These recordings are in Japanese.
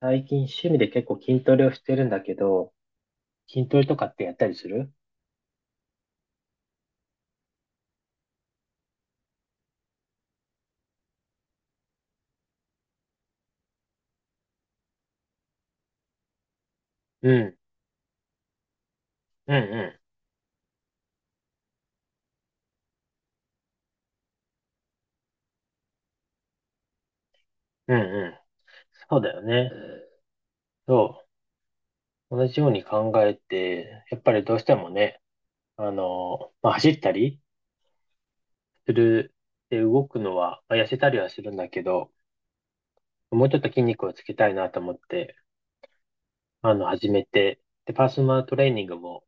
最近趣味で結構筋トレをしてるんだけど、筋トレとかってやったりする？うん、うん、うん、うん、うん。そうだよね。そう。同じように考えて、やっぱりどうしてもね、まあ、走ったりする、で、動くのは、まあ、痩せたりはするんだけど、もうちょっと筋肉をつけたいなと思って、始めて、で、パーソナルトレーニングも、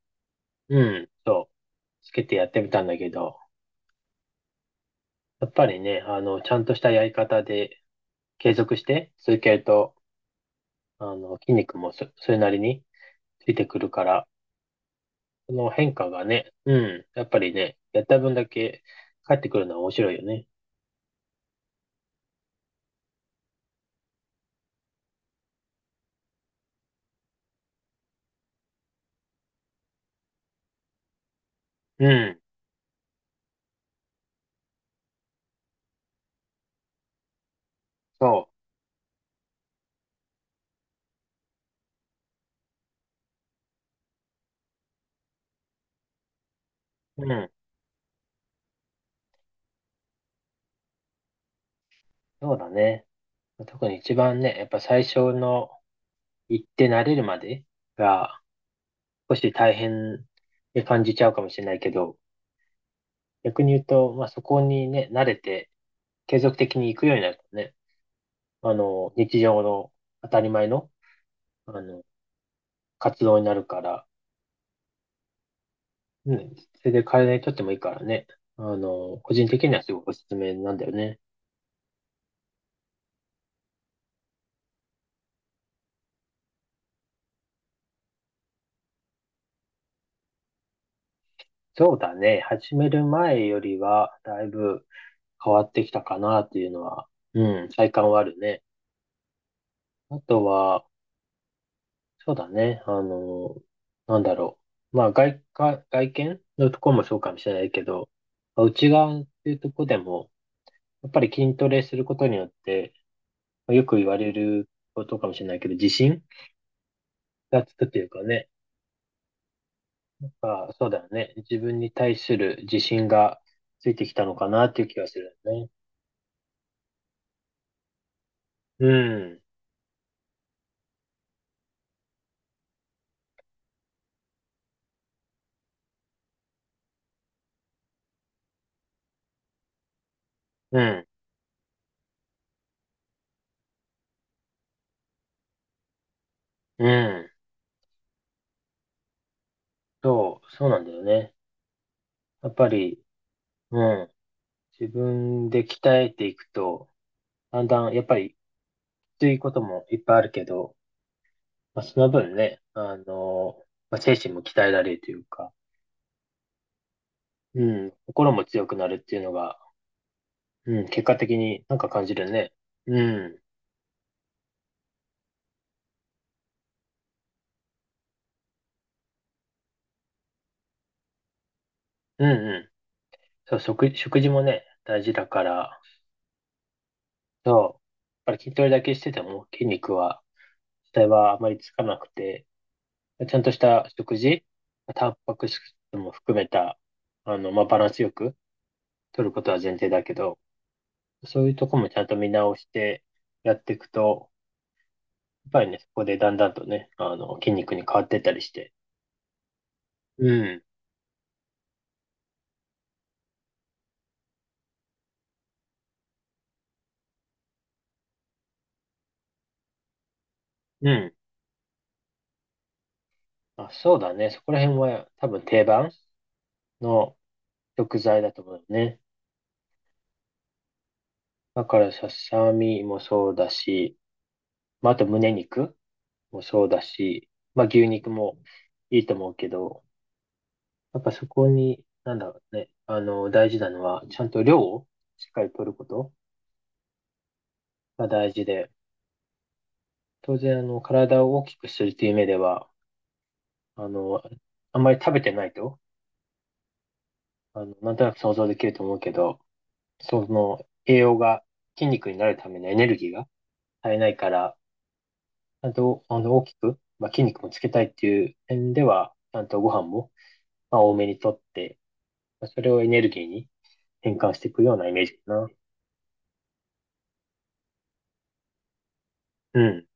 うん、そう、つけてやってみたんだけど、やっぱりね、ちゃんとしたやり方で継続して続けると、筋肉もそ、それなりについてくるから、その変化がね、うん、やっぱりね、やった分だけ返ってくるのは面白いよね。うん、そう、うん、そうだね。特に一番ね、やっぱ最初の行って慣れるまでが少し大変に感じちゃうかもしれないけど、逆に言うと、まあそこにね、慣れて継続的に行くようになるとね、日常の当たり前の、あの、活動になるから、ね、それで体にとってもいいからね。個人的にはすごくおすすめなんだよね。そうだね。始める前よりは、だいぶ変わってきたかなっていうのは、うん、体感はあるね。あとは、そうだね。あの、なんだろう。まあ、外見のところもそうかもしれないけど、まあ内側っていうところでも、やっぱり筋トレすることによって、まあよく言われることかもしれないけど、自信がつくっていうかね。ああ、そうだよね。自分に対する自信がついてきたのかなっていう気がするよね。うん、うん、うん。そう、そうなんだよね。やっぱり、うん。自分で鍛えていくと、だんだん、やっぱり、きついこともいっぱいあるけど、まあ、その分ね、精神も鍛えられるというか、うん、心も強くなるっていうのが、うん、結果的になんか感じるね。うん、うん、うん。食事もね、大事だから、そう。やっぱり筋トレだけしてても筋肉は、実際はあまりつかなくて、ちゃんとした食事、タンパク質も含めた、まあ、バランスよく取ることは前提だけど、そういうとこもちゃんと見直してやっていくと、やっぱりね、そこでだんだんとね、筋肉に変わってったりして。うん、うん。あ、そうだね。そこら辺は多分定番の食材だと思うよね。だからささみもそうだし、まあ、あと胸肉。もそうだし、まあ牛肉もいいと思うけど、やっぱそこに、なんだろうね、大事なのは、ちゃんと量をしっかり取ることが大事で、当然、体を大きくするという目では、あの、あんまり食べてないと、なんとなく想像できると思うけど、その栄養が筋肉になるためのエネルギーが足りないから、ちゃんと、大きく、まあ、筋肉もつけたいっていう点では、ちゃんとご飯も、まあ、多めにとって、まあそれをエネルギーに、変換していくようなイメージかな。うん。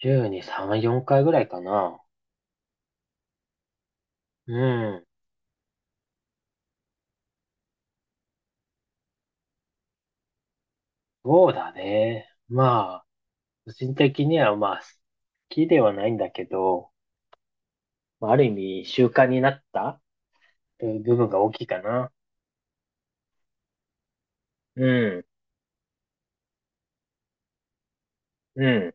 週に3、4回ぐらいかな。うん。そうだね。まあ、個人的にはまあ、好きではないんだけど、まあある意味習慣になったという部分が大きいかな。うん、うん、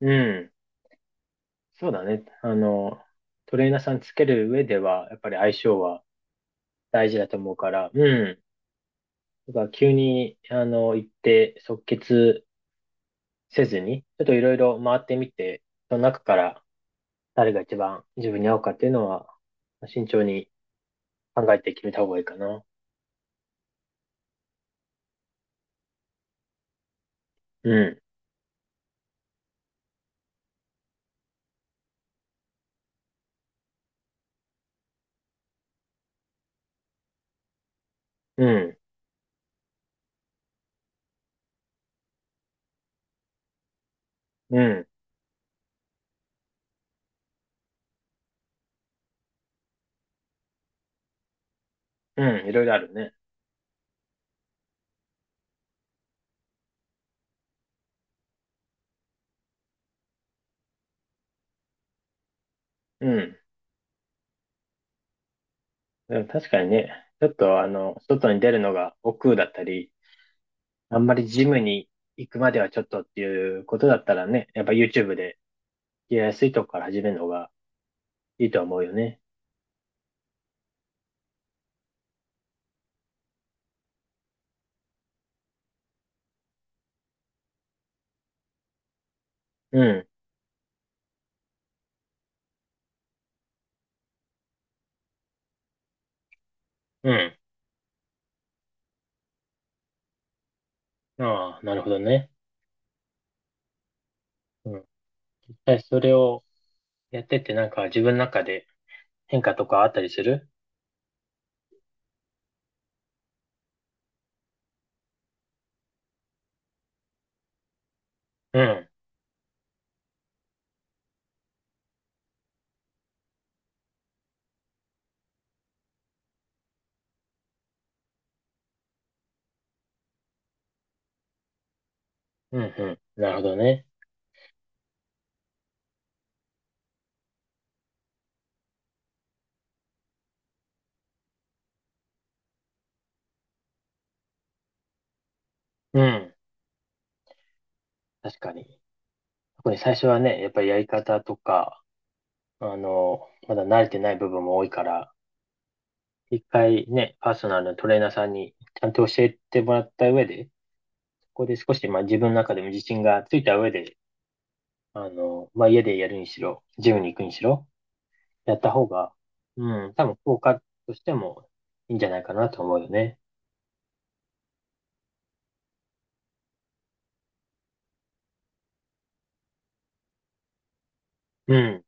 うん。そうだね。トレーナーさんつける上では、やっぱり相性は大事だと思うから、うん。だから急に、行って即決せずに、ちょっといろいろ回ってみて、その中から誰が一番自分に合うかっていうのは、慎重に考えて決めた方がいいかな。うん、うん、うん、うん、いろいろあるね。うん。でも確かにね、ちょっと、外に出るのが億劫だったり、あんまりジムに行くまではちょっとっていうことだったらね、やっぱ YouTube でやりやすいとこから始めるのがいいとは思うよね。うん、うん。ああ、なるほどね。うん。実際それをやってってなんか自分の中で変化とかあったりする？うん、うん、うん。なるほどね。うん。確かに。特に最初はね、やっぱりやり方とか、まだ慣れてない部分も多いから、一回ね、パーソナルのトレーナーさんにちゃんと教えてもらった上で、そこで少し、まあ自分の中でも自信がついた上で、まあ家でやるにしろ、ジムに行くにしろ、やった方が、うん、多分効果としてもいいんじゃないかなと思うよね。うん、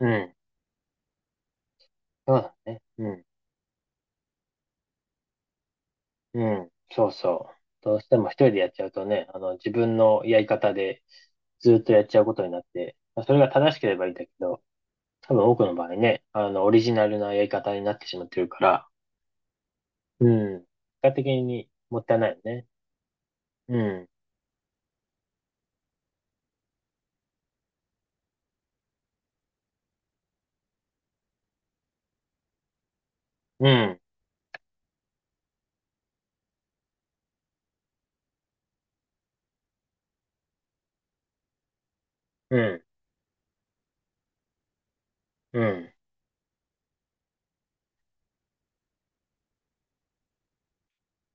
うん。そうだね。うん。うん、そうそう。どうしても一人でやっちゃうとね、自分のやり方でずっとやっちゃうことになって、まあ、それが正しければいいんだけど、多分多くの場合ね、オリジナルなやり方になってしまってるから、うん、結果的にもったいないよね。うん、うん、うん、うん、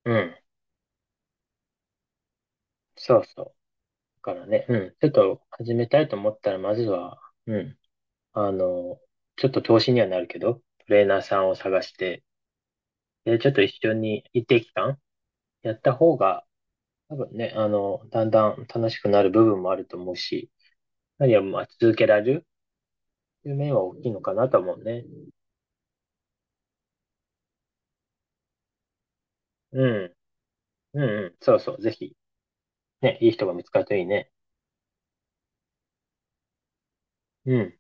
うん。そうそう。だからね、うん、ちょっと始めたいと思ったら、まずは、うん、あの、ちょっと投資にはなるけど、トレーナーさんを探して、で、ちょっと一緒に一定期間やった方が、多分ね、だんだん楽しくなる部分もあると思うし、何はりまあ続けられるっていう面は大きいのかなと思うね。うん。うんうん。そうそう。ぜひ、ね、いい人が見つかるといいね。うん。